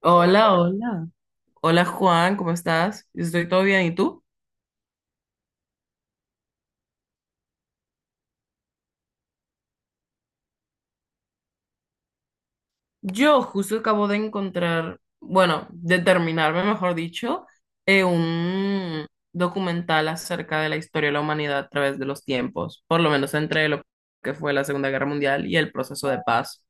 Hola, hola. Hola Juan, ¿cómo estás? Yo estoy todo bien, ¿y tú? Yo justo acabo de encontrar, bueno, de terminarme, mejor dicho, un documental acerca de la historia de la humanidad a través de los tiempos, por lo menos entre lo que fue la Segunda Guerra Mundial y el proceso de paz.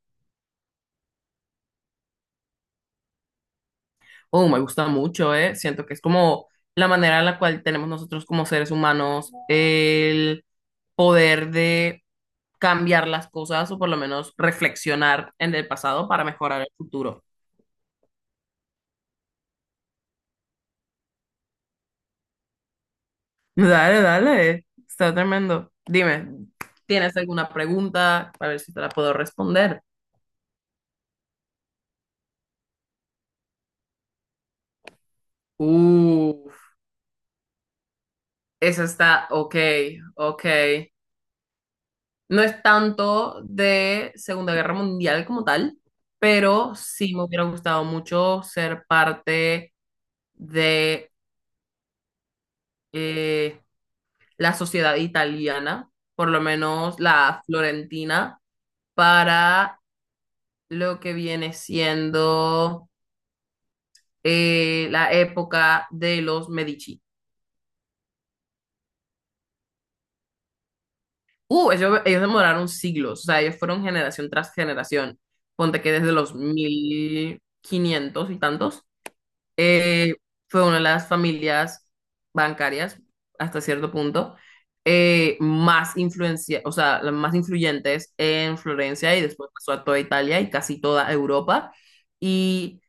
Oh, me gusta mucho, ¿eh? Siento que es como la manera en la cual tenemos nosotros como seres humanos el poder de cambiar las cosas o por lo menos reflexionar en el pasado para mejorar el futuro. Dale, dale, está tremendo. Dime, ¿tienes alguna pregunta? A ver si te la puedo responder. Uf, esa está, ok, ok. No es tanto de Segunda Guerra Mundial como tal, pero sí me hubiera gustado mucho ser parte de eh, la sociedad italiana, por lo menos la florentina, para lo que viene siendo la época de los Medici. Ellos demoraron siglos, o sea, ellos fueron generación tras generación. Ponte que desde los 1500 y tantos, eh, fue una de las familias bancarias, hasta cierto punto, más influencia, o sea, las más influyentes en Florencia y después pasó a toda Italia y casi toda Europa. Y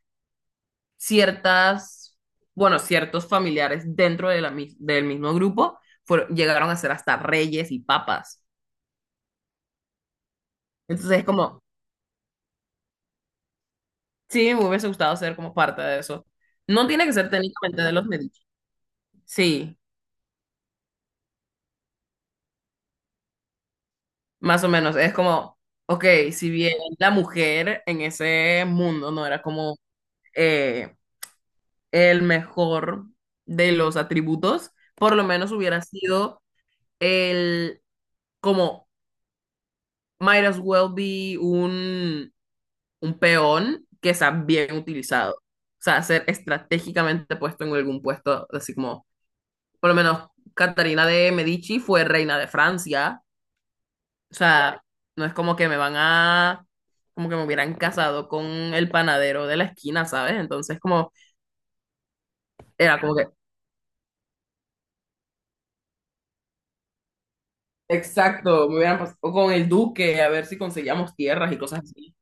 ciertas, bueno, ciertos familiares dentro de la, del mismo grupo llegaron a ser hasta reyes y papas. Entonces es como, sí, me hubiese gustado ser como parte de eso. No tiene que ser técnicamente de los Medici. Sí, más o menos. Es como, ok, si bien la mujer en ese mundo no era como eh, el mejor de los atributos, por lo menos hubiera sido el, como, might as well be un peón que sea bien utilizado. O sea, ser estratégicamente puesto en algún puesto, así como, por lo menos, Catarina de Medici fue reina de Francia. O sea, no es como que me van a, como que me hubieran casado con el panadero de la esquina, ¿sabes? Entonces, como, era como que, exacto, me hubieran pasado con el duque, a ver si conseguíamos tierras y cosas así.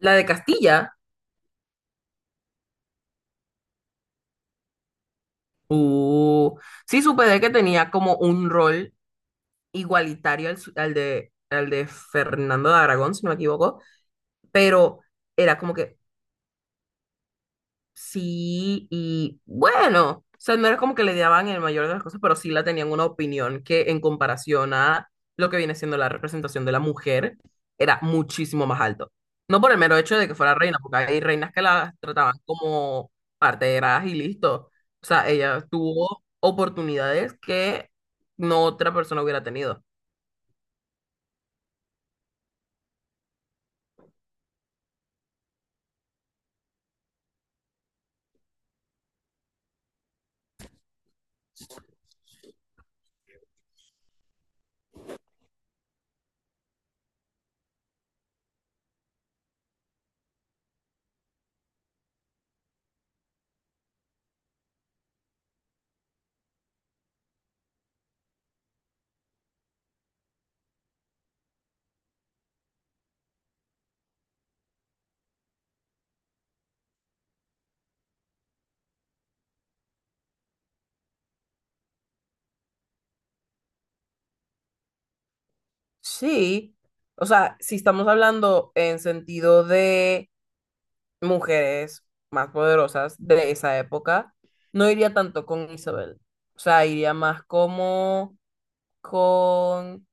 La de Castilla. Uh, sí supe de que tenía como un rol igualitario al, al de Fernando de Aragón, si no me equivoco, pero era como que sí y bueno, o sea, no era como que le daban el mayor de las cosas, pero sí la tenían una opinión que en comparación a lo que viene siendo la representación de la mujer, era muchísimo más alto. No por el mero hecho de que fuera reina, porque hay reinas que la trataban como parteras y listo. O sea, ella tuvo oportunidades que no otra persona hubiera tenido. Sí, o sea, si estamos hablando en sentido de mujeres más poderosas de esa época, no iría tanto con Isabel. O sea, iría más como con,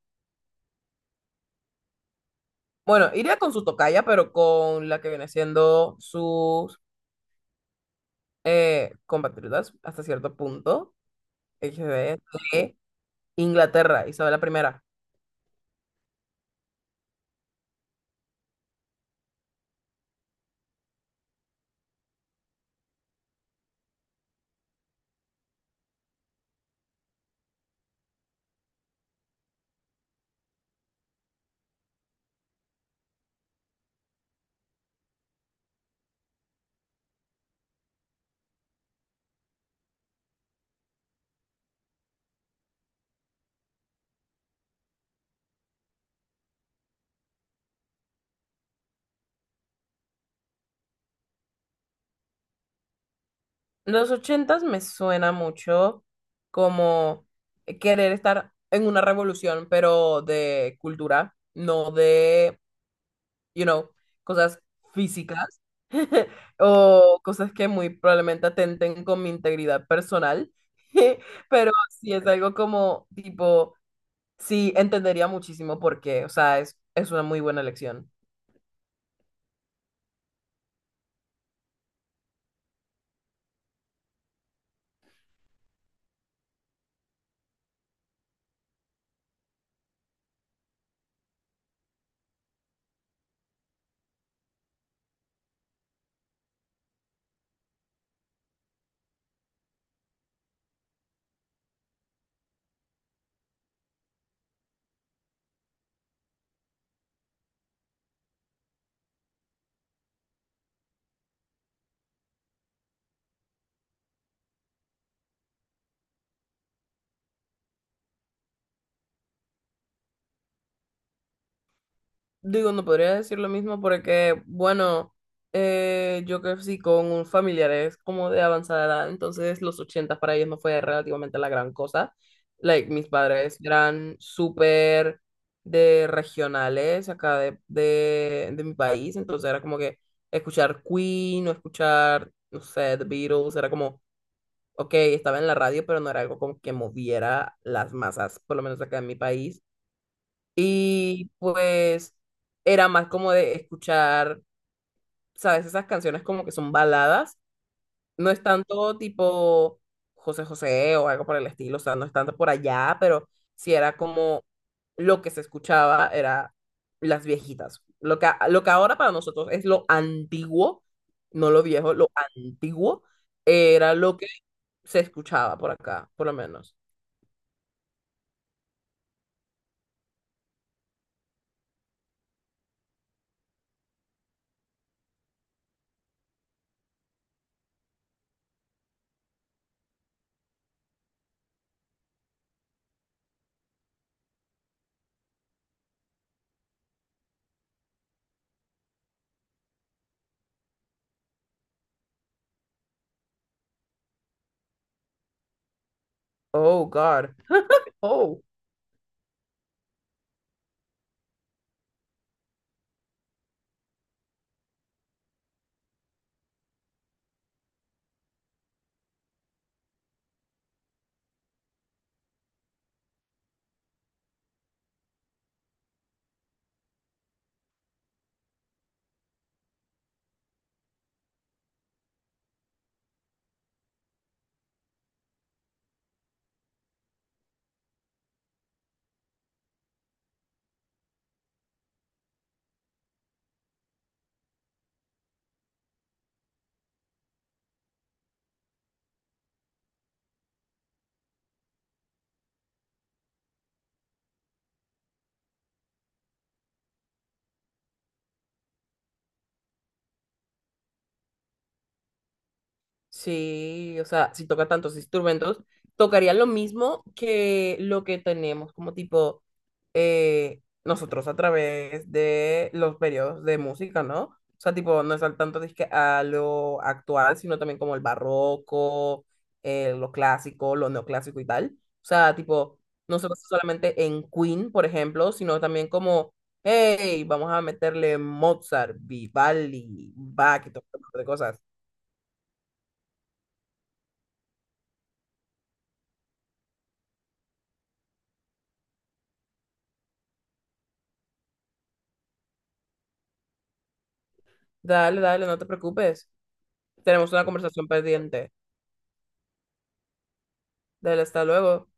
bueno, iría con su tocaya, pero con la que viene siendo sus compatriotas hasta cierto punto, XD, de de Inglaterra, Isabel I. Los ochentas me suena mucho como querer estar en una revolución, pero de cultura, no de, you know, cosas físicas o cosas que muy probablemente atenten con mi integridad personal. Pero sí es algo como tipo, sí entendería muchísimo por qué, o sea, es una muy buena elección. Digo, no podría decir lo mismo porque, bueno, yo crecí con familiares como de avanzada edad, entonces los 80 para ellos no fue relativamente la gran cosa. Like, mis padres eran súper de regionales acá de mi país, entonces era como que escuchar Queen o escuchar, no sé, The Beatles, era como, ok, estaba en la radio, pero no era algo como que moviera las masas, por lo menos acá en mi país. Y pues era más como de escuchar, ¿sabes? Esas canciones como que son baladas. No es tanto tipo José José o algo por el estilo, o sea, no es tanto por allá, pero sí era como lo que se escuchaba era las viejitas. Lo que, lo que ahora para nosotros es lo antiguo, no lo viejo, lo antiguo, era lo que se escuchaba por acá, por lo menos. Oh, God. Oh. Sí, o sea, si toca tantos instrumentos, tocaría lo mismo que lo que tenemos como tipo nosotros a través de los periodos de música, ¿no? O sea, tipo, no es al tanto disque a lo actual, sino también como el barroco, lo clásico, lo neoclásico y tal. O sea, tipo, no se basa solamente en Queen, por ejemplo, sino también como, hey, vamos a meterle Mozart, Vivaldi, Bach y todo tipo de cosas. Dale, dale, no te preocupes. Tenemos una conversación pendiente. Dale, hasta luego.